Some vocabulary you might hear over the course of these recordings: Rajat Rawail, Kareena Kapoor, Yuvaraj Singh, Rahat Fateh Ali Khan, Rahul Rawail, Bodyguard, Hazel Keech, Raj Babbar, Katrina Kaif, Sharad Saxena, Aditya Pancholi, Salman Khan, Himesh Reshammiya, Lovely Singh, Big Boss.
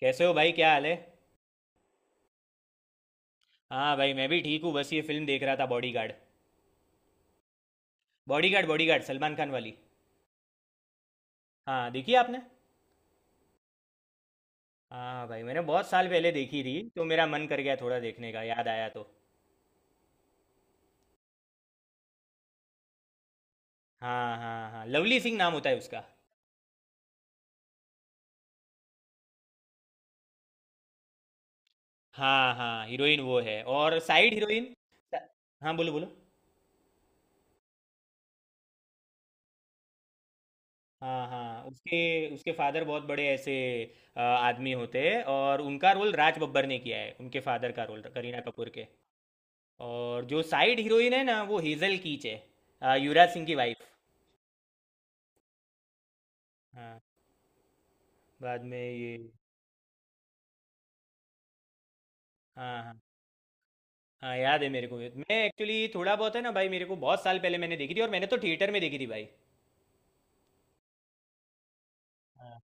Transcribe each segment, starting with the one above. कैसे हो भाई, क्या हाल है। हाँ भाई, मैं भी ठीक हूँ, बस ये फिल्म देख रहा था, Bodyguard. Bodyguard, Bodyguard Salman Khan वाली। हाँ, देखी आपने? हाँ भाई, मैंने बहुत साल पहले देखी थी, तो मेरा मन कर गया थोड़ा देखने का, याद आया तो। हाँ हाँ हाँ, लवली सिंह नाम होता है उसका। हाँ हाँ, हीरोइन वो है, और साइड हीरोइन। हाँ, बोलो बोलो। हाँ हाँ, उसके, फादर बहुत बड़े ऐसे आदमी होते हैं, और उनका रोल राज बब्बर ने किया है, उनके फादर का रोल, करीना कपूर के। और जो साइड हीरोइन है ना, वो हेजल कीच है। युवराज सिंह की वाइफ। हाँ, बाद में ये, हाँ हाँ हाँ याद है मेरे को ये। मैं एक्चुअली थोड़ा बहुत है ना भाई, मेरे को बहुत साल पहले मैंने देखी थी, और मैंने तो थिएटर में देखी थी भाई। हाँ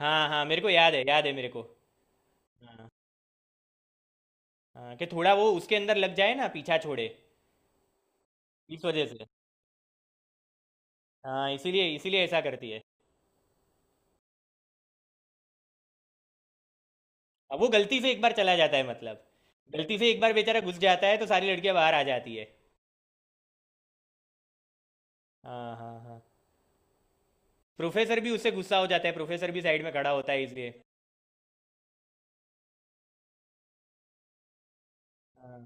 हाँ हाँ, मेरे को याद है, याद है मेरे को। हाँ हाँ, कि थोड़ा वो उसके अंदर लग जाए ना, पीछा छोड़े इस वजह से। हाँ, इसीलिए इसीलिए ऐसा करती है। अब वो गलती से एक बार चला जाता है मतलब, गलती से एक बार बेचारा घुस जाता है तो सारी लड़कियां बाहर आ जाती है। हाँ हाँ हाँ, प्रोफेसर भी उससे गुस्सा हो जाता है, प्रोफेसर भी साइड में खड़ा होता है इसलिए। हाँ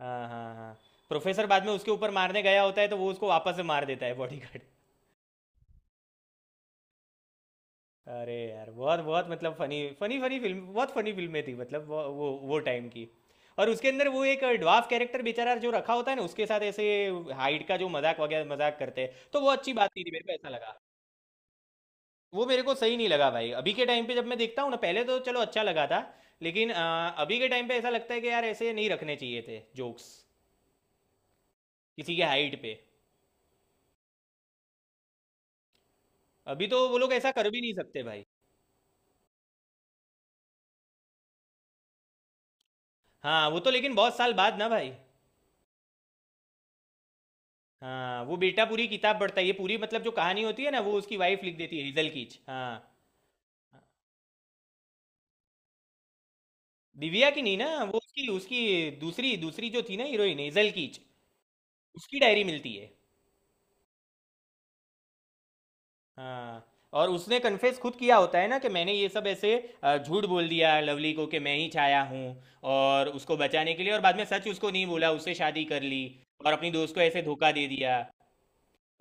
हाँ हाँ हाँ, प्रोफेसर बाद में उसके ऊपर मारने गया होता है, तो वो उसको वापस से मार देता है बॉडीगार्ड। अरे यार, बहुत बहुत मतलब फनी फनी फनी फिल्म, बहुत फनी फिल्में थी मतलब, वो टाइम की। और उसके अंदर वो एक ड्वार्फ कैरेक्टर बेचारा जो रखा होता है ना उसके साथ ऐसे, हाइट का जो मजाक वगैरह मजाक करते हैं, तो वो अच्छी बात नहीं थी, मेरे को ऐसा लगा। वो मेरे को सही नहीं लगा भाई, अभी के टाइम पे जब मैं देखता हूँ ना, पहले तो चलो अच्छा लगा था, लेकिन अभी के टाइम पे ऐसा लगता है कि यार ऐसे नहीं रखने चाहिए थे जोक्स, किसी के हाइट पे। अभी तो वो लोग ऐसा कर भी नहीं सकते भाई। हाँ वो तो, लेकिन बहुत साल बाद ना भाई। हाँ वो बेटा पूरी किताब पढ़ता है ये पूरी, मतलब जो कहानी होती है ना वो उसकी वाइफ लिख देती है, हेजल कीच, हाँ। दिव्या की नहीं ना, वो उसकी, दूसरी, जो थी ना हीरोइन, हेजल कीच, उसकी डायरी मिलती है। हाँ, और उसने कन्फेस खुद किया होता है ना, कि मैंने ये सब ऐसे झूठ बोल दिया लवली को कि मैं ही छाया हूँ, और उसको बचाने के लिए, और बाद में सच उसको नहीं बोला, उससे शादी कर ली, और अपनी दोस्त को ऐसे धोखा दे दिया।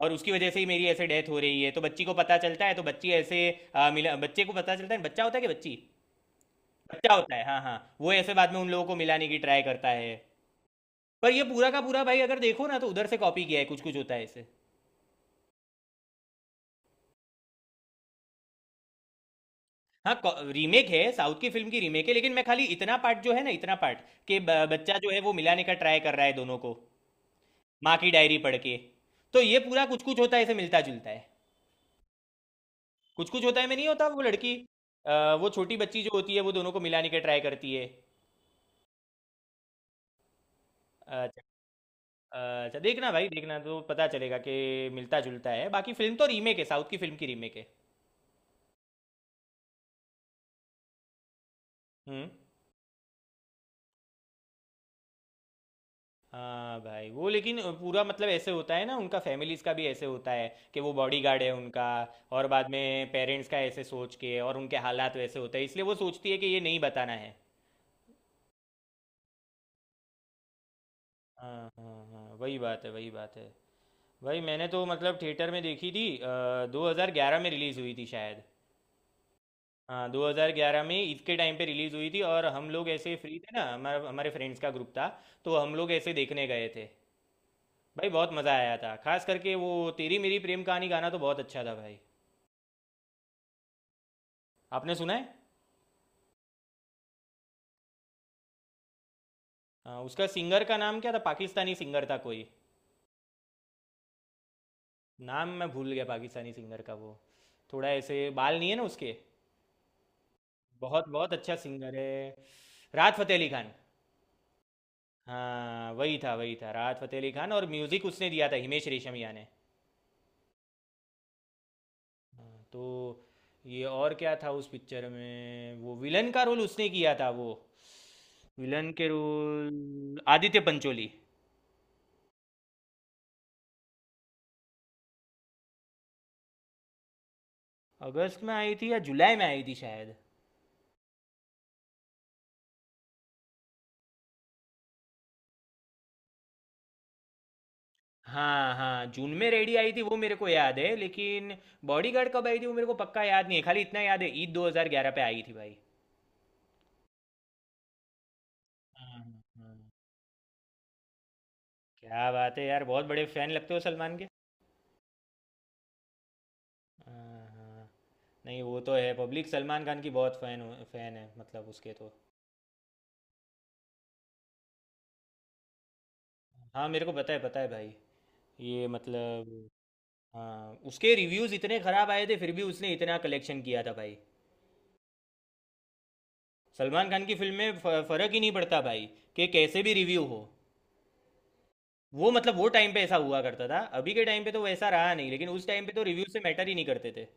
और उसकी वजह से ही मेरी ऐसे डेथ हो रही है, तो बच्ची को पता चलता है, तो बच्ची ऐसे मिला, बच्चे को पता चलता है, बच्चा होता है कि बच्ची, बच्चा होता है, हाँ हाँ। वो ऐसे बाद में उन लोगों को मिलाने की ट्राई करता है। पर ये पूरा का पूरा भाई अगर देखो ना तो उधर से कॉपी किया है, कुछ कुछ होता है ऐसे। हाँ, रीमेक है, साउथ की फिल्म की रीमेक है, लेकिन मैं खाली इतना पार्ट जो है ना, इतना पार्ट कि बच्चा जो है वो मिलाने का ट्राई कर रहा है दोनों को, माँ की डायरी पढ़ के, तो ये पूरा कुछ कुछ होता है ऐसे मिलता जुलता है। कुछ कुछ होता है में नहीं होता वो लड़की, वो छोटी बच्ची जो होती है वो दोनों को मिलाने का ट्राई करती है। अच्छा, अच्छा देखना भाई, देखना तो पता चलेगा कि मिलता जुलता है, बाकी फिल्म तो रीमेक है, साउथ की फिल्म की रीमेक है। हम्म। हाँ भाई वो, लेकिन पूरा मतलब ऐसे होता है ना, उनका फैमिलीज का भी ऐसे होता है कि वो बॉडीगार्ड है उनका, और बाद में पेरेंट्स का ऐसे सोच के और उनके हालात वैसे होते हैं, इसलिए वो सोचती है कि ये नहीं बताना है। हाँ हाँ हाँ, वही बात है वही बात है। भाई मैंने तो मतलब थिएटर में देखी थी, 2011 में रिलीज़ हुई थी शायद। हाँ 2011 में ईद के टाइम पे रिलीज हुई थी, और हम लोग ऐसे फ्री थे ना, हमारा, हमारे फ्रेंड्स का ग्रुप था, तो हम लोग ऐसे देखने गए थे। भाई बहुत मज़ा आया था, खास करके वो तेरी मेरी प्रेम कहानी गाना तो बहुत अच्छा था भाई। आपने सुना है? हाँ, उसका सिंगर का नाम क्या था, पाकिस्तानी सिंगर था कोई, नाम मैं भूल गया पाकिस्तानी सिंगर का, वो थोड़ा ऐसे बाल नहीं है ना उसके, बहुत बहुत अच्छा सिंगर है, राहत फ़तेह अली खान। हाँ वही था वही था, राहत फ़तेह अली खान, और म्यूज़िक उसने दिया था हिमेश रेशमिया ने। हाँ, तो ये और क्या था उस पिक्चर में, वो विलन का रोल उसने किया था वो, विलन के रोल आदित्य पंचोली। अगस्त में आई थी या जुलाई में आई थी शायद। हाँ हाँ, जून में रेडी आई थी वो मेरे को याद है, लेकिन बॉडीगार्ड कब आई थी वो मेरे को पक्का याद नहीं है, खाली इतना याद है, ईद 2011 पे आई थी भाई। हाँ, हाँ। क्या बात है यार, बहुत बड़े फैन लगते हो सलमान के। हाँ, हाँ। नहीं वो तो है, पब्लिक सलमान खान की बहुत फैन, फैन है मतलब उसके तो। हाँ मेरे को पता है, पता है भाई, ये मतलब, हाँ, उसके रिव्यूज़ इतने ख़राब आए थे फिर भी उसने इतना कलेक्शन किया था भाई। सलमान खान की फिल्म में फ़र्क ही नहीं पड़ता भाई, कि कैसे भी रिव्यू हो, वो मतलब वो टाइम पे ऐसा हुआ करता था, अभी के टाइम पे तो वैसा रहा नहीं, लेकिन उस टाइम पे तो रिव्यू से मैटर ही नहीं करते थे।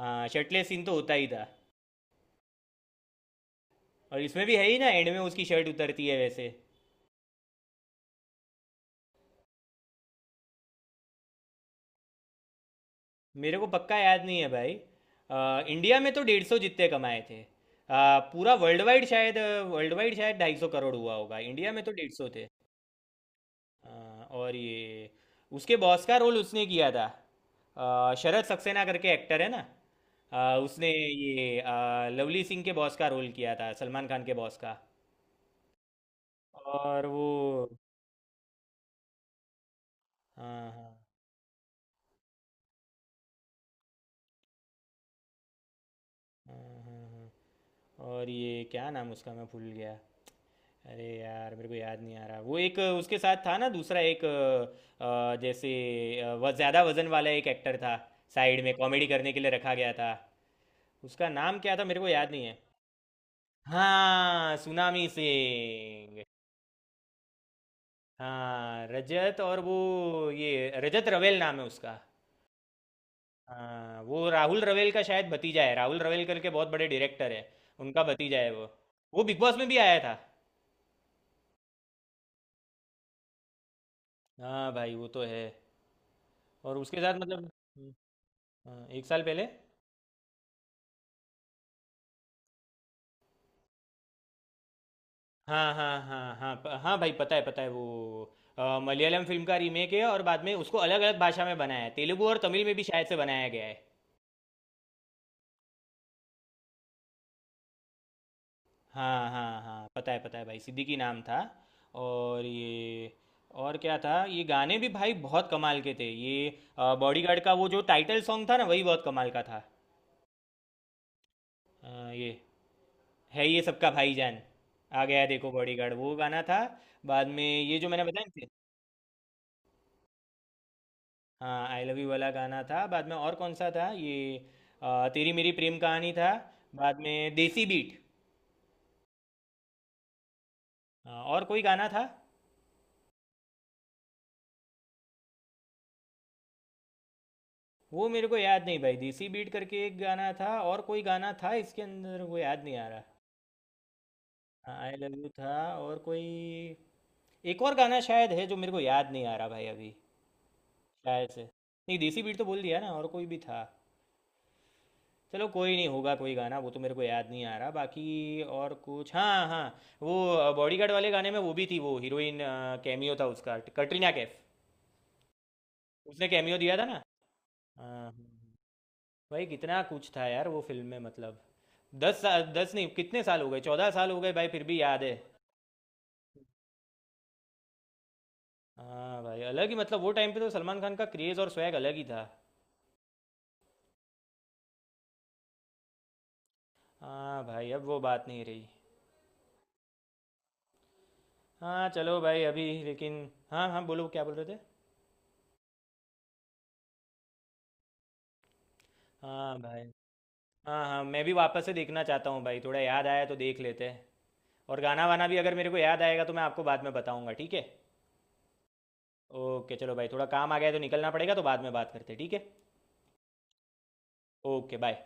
हाँ शर्टलेस सीन तो होता ही था, और इसमें भी है ही ना, एंड में उसकी शर्ट उतरती है वैसे। मेरे को पक्का याद नहीं है भाई, इंडिया में तो 150 जितने कमाए थे, पूरा वर्ल्ड वाइड शायद, वर्ल्ड वाइड शायद 250 करोड़ हुआ होगा, इंडिया में तो 150 थे। अ, और ये उसके बॉस का रोल उसने किया था, शरद सक्सेना करके एक्टर है ना, उसने ये लवली सिंह के बॉस का रोल किया था, सलमान खान के बॉस का। और वो, हाँ हाँ हाँ हाँ हाँ। और ये क्या नाम उसका मैं भूल गया, अरे यार मेरे को याद नहीं आ रहा, वो एक उसके साथ था ना, दूसरा एक जैसे, वह ज़्यादा वजन वाला एक एक्टर था, साइड में कॉमेडी करने के लिए रखा गया था, उसका नाम क्या था मेरे को याद नहीं है। हाँ, सुनामी सिंह। हाँ रजत, और वो ये, रजत रवेल नाम है उसका। हाँ वो राहुल रवेल का शायद भतीजा है, राहुल रवेल करके बहुत बड़े डायरेक्टर है, उनका भतीजा है वो बिग बॉस में भी आया था। हाँ भाई वो तो है। और उसके साथ मतलब, हम्म, हाँ, एक साल पहले। हाँ हाँ हाँ हाँ हाँ भाई पता है वो, मलयालम फिल्म का रीमेक है, और बाद में उसको अलग अलग भाषा में बनाया है, तेलुगु और तमिल में भी शायद से बनाया गया है। हाँ हाँ हाँ पता है भाई, सिद्दीकी नाम था। और ये और क्या था, ये गाने भी भाई बहुत कमाल के थे ये, बॉडीगार्ड का वो जो टाइटल सॉन्ग था ना वही बहुत कमाल का था। ये, है ये सबका भाईजान, आ गया देखो बॉडीगार्ड, वो गाना था। बाद में ये जो मैंने बताया ना, हाँ, आई लव यू वाला गाना था बाद में, और कौन सा था ये, तेरी मेरी प्रेम कहानी था, बाद में देसी बीट, और कोई गाना था, वो मेरे को याद नहीं भाई, देसी बीट करके एक गाना था और कोई गाना था इसके अंदर वो याद नहीं आ रहा, आई लव यू था, और कोई एक और गाना शायद है जो मेरे को याद नहीं आ रहा भाई अभी। शायद से नहीं, देसी बीट तो बोल दिया ना, और कोई भी था। चलो कोई नहीं होगा कोई गाना, वो तो मेरे को याद नहीं आ रहा, बाकी और कुछ, हाँ हाँ, वो बॉडीगार्ड वाले गाने में वो भी थी, वो हीरोइन, कैमियो था उसका, कटरीना कैफ, उसने कैमियो दिया था ना, हाँ। हाँ, हाँ। भाई कितना कुछ था यार वो फिल्म में मतलब, 10 साल 10 नहीं, कितने साल हो गए, 14 साल हो गए भाई फिर भी याद है। हाँ भाई अलग ही मतलब, वो टाइम पे तो सलमान खान का क्रेज़ और स्वैग अलग ही था। हाँ भाई अब वो बात नहीं रही। हाँ चलो भाई अभी लेकिन, हाँ हाँ बोलो क्या बोल रहे थे। हाँ भाई। हाँ हाँ मैं भी वापस से देखना चाहता हूँ भाई, थोड़ा याद आया तो देख लेते हैं। और गाना वाना भी अगर मेरे को याद आएगा तो मैं आपको बाद में बताऊंगा, ठीक है। ओके चलो भाई, थोड़ा काम आ गया है तो निकलना पड़ेगा, तो बाद में बात करते हैं ठीक है। Okay bye.